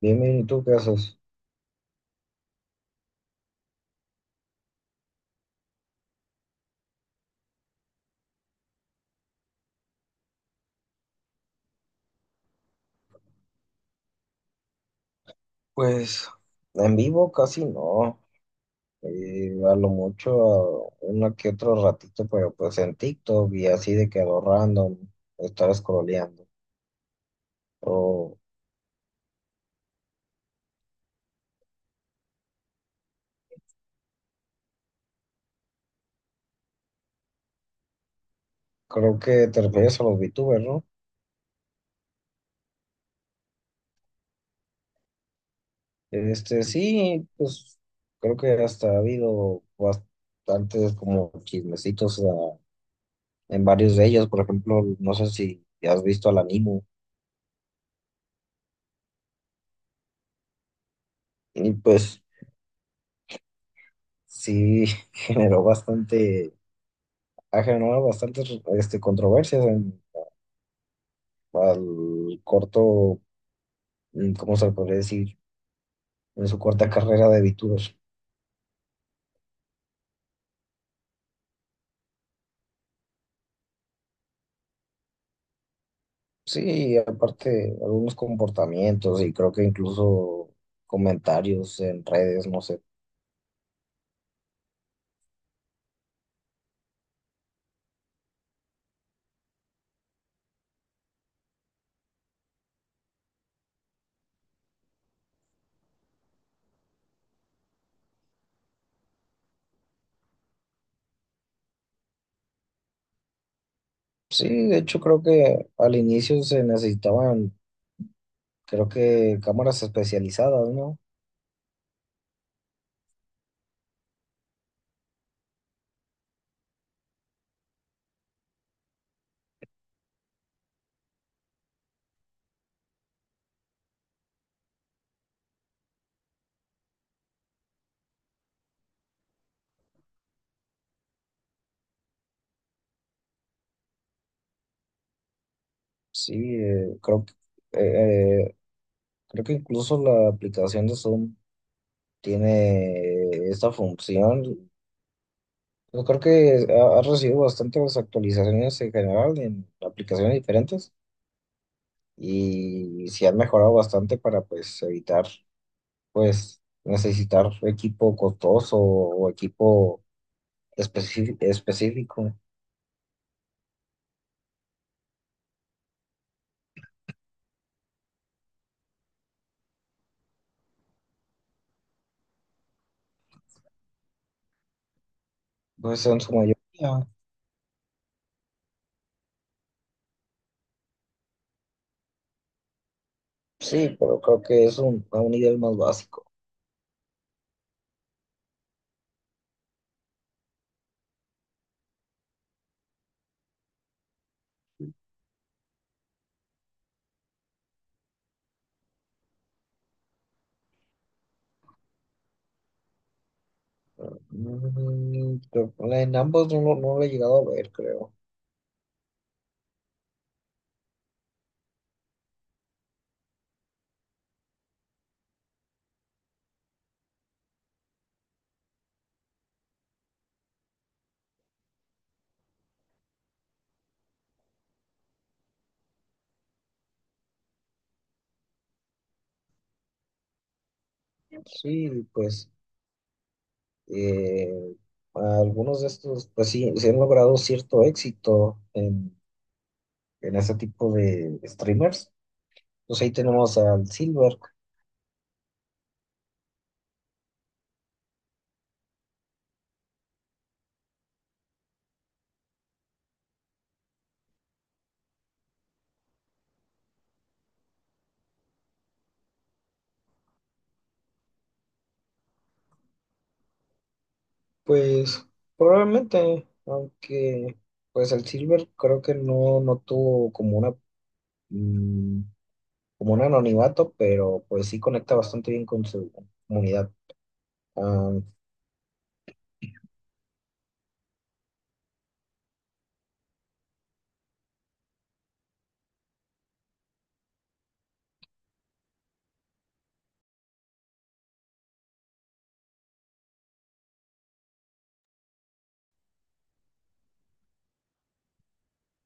Bien, ¿y tú qué haces? Pues en vivo casi no, a lo mucho a una que otro ratito, pero pues en TikTok y así de que a lo random, estar scrolleando. O creo que te refieres a los VTubers, ¿no? Sí, pues creo que hasta ha habido bastantes como chismecitos en varios de ellos, por ejemplo, no sé si has visto al Animo, y pues sí generó bastante. Ha generado bastantes controversias en, al corto, ¿cómo se le podría decir? En su corta carrera de VTuber. Sí, y aparte algunos comportamientos y creo que incluso comentarios en redes, no sé. Sí, de hecho creo que al inicio se necesitaban, creo que cámaras especializadas, ¿no? Sí, eh, creo que, eh, eh, creo que incluso la aplicación de Zoom tiene esta función. Yo creo que ha recibido bastantes actualizaciones en general en aplicaciones diferentes y se han mejorado bastante para pues evitar pues necesitar equipo costoso o equipo específico, pues en su mayoría. Sí, pero creo que es un, a un nivel más básico. Mm, pero pues, en ambos no, no lo he llegado a ver, creo. Sí, pues eh, algunos de estos, pues sí, se han logrado cierto éxito en ese tipo de streamers. Pues ahí tenemos al Silver. Pues probablemente, aunque pues el Silver creo que no, no tuvo como una mm, como un anonimato, pero pues sí conecta bastante bien con su comunidad. Ah,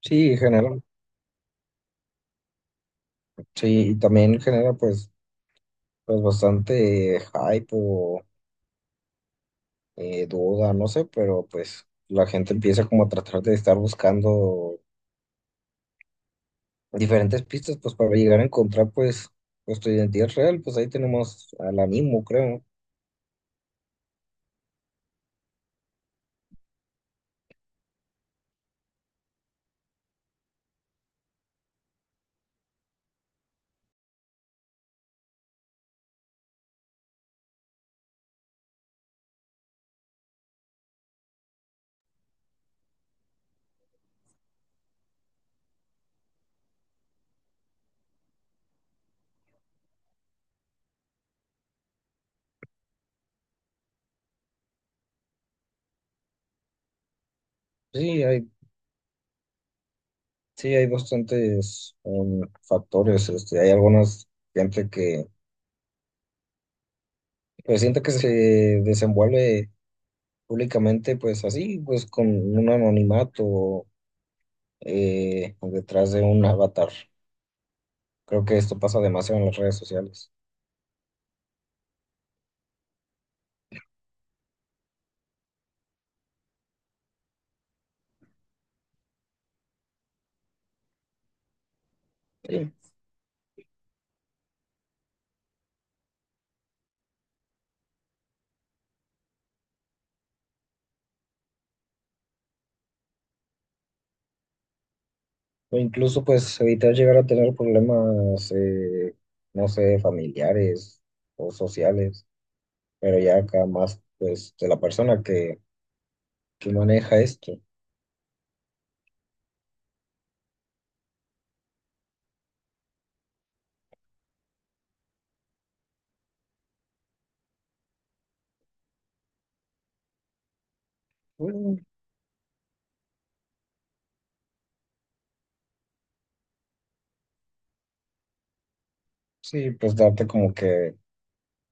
sí, genera, sí, y también genera pues, pues bastante hype o duda, no sé, pero pues la gente empieza como a tratar de estar buscando diferentes pistas, pues para llegar a encontrar, pues, pues tu identidad real, pues ahí tenemos al ánimo, creo. Sí, hay, sí, hay bastantes factores, este, hay algunas gente que, pues siento que se desenvuelve públicamente, pues así, pues con un anonimato detrás de un avatar. Creo que esto pasa demasiado en las redes sociales. Sí. O incluso, pues, evitar llegar a tener problemas, no sé, familiares o sociales. Pero ya acá más pues de la persona que maneja esto. Mm. Sí, pues darte como que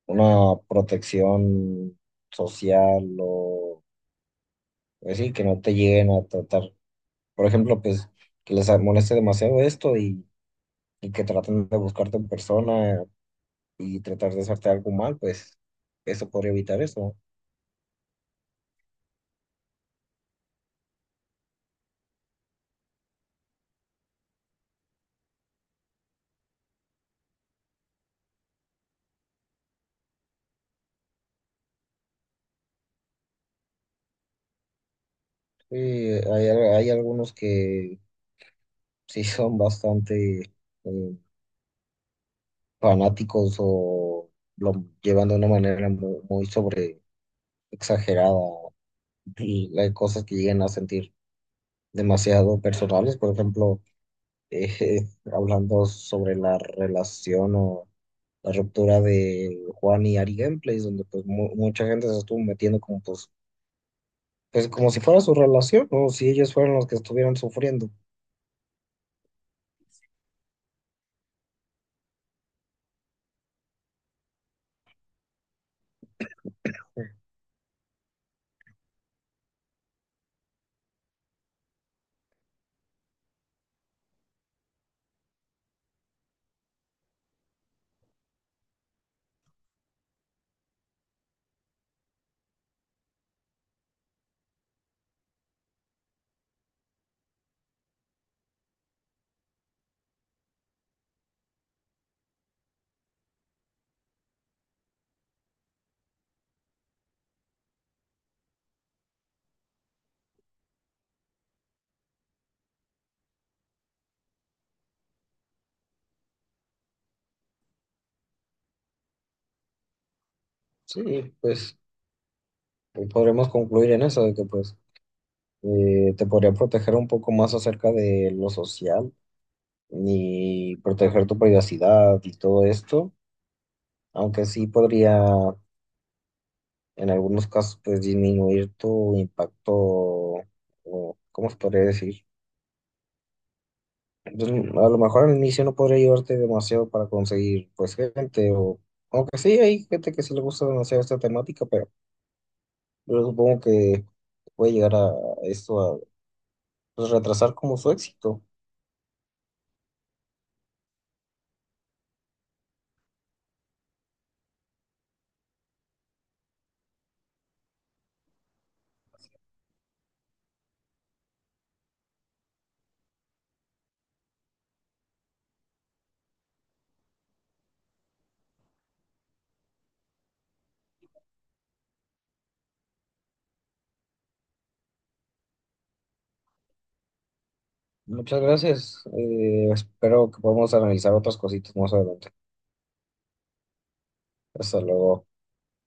una protección social o pues sí, que no te lleguen a tratar. Por ejemplo, pues que les moleste demasiado esto y que traten de buscarte en persona y tratar de hacerte algo mal, pues eso podría evitar eso. Sí, hay algunos que sí son bastante... eh, fanáticos o lo llevan de una manera muy, sobre exagerada y hay cosas que llegan a sentir demasiado personales, por ejemplo, eh, hablando sobre la relación o la ruptura de Juan y Ari Gameplays, donde pues mucha gente se estuvo metiendo como pues, pues como si fuera su relación, o si ellos fueran los que estuvieran sufriendo. Sí, pues podremos concluir en eso, de que pues te podría proteger un poco más acerca de lo social ni proteger tu privacidad y todo esto, aunque sí podría en algunos casos pues disminuir tu impacto, o, ¿cómo se podría decir? Pues, a lo mejor al inicio no podría ayudarte demasiado para conseguir pues gente o aunque sí hay gente que sí le gusta demasiado esta temática, pero yo supongo que puede llegar a esto a pues, retrasar como su éxito. Muchas gracias. Espero que podamos analizar otras cositas más adelante. Hasta luego.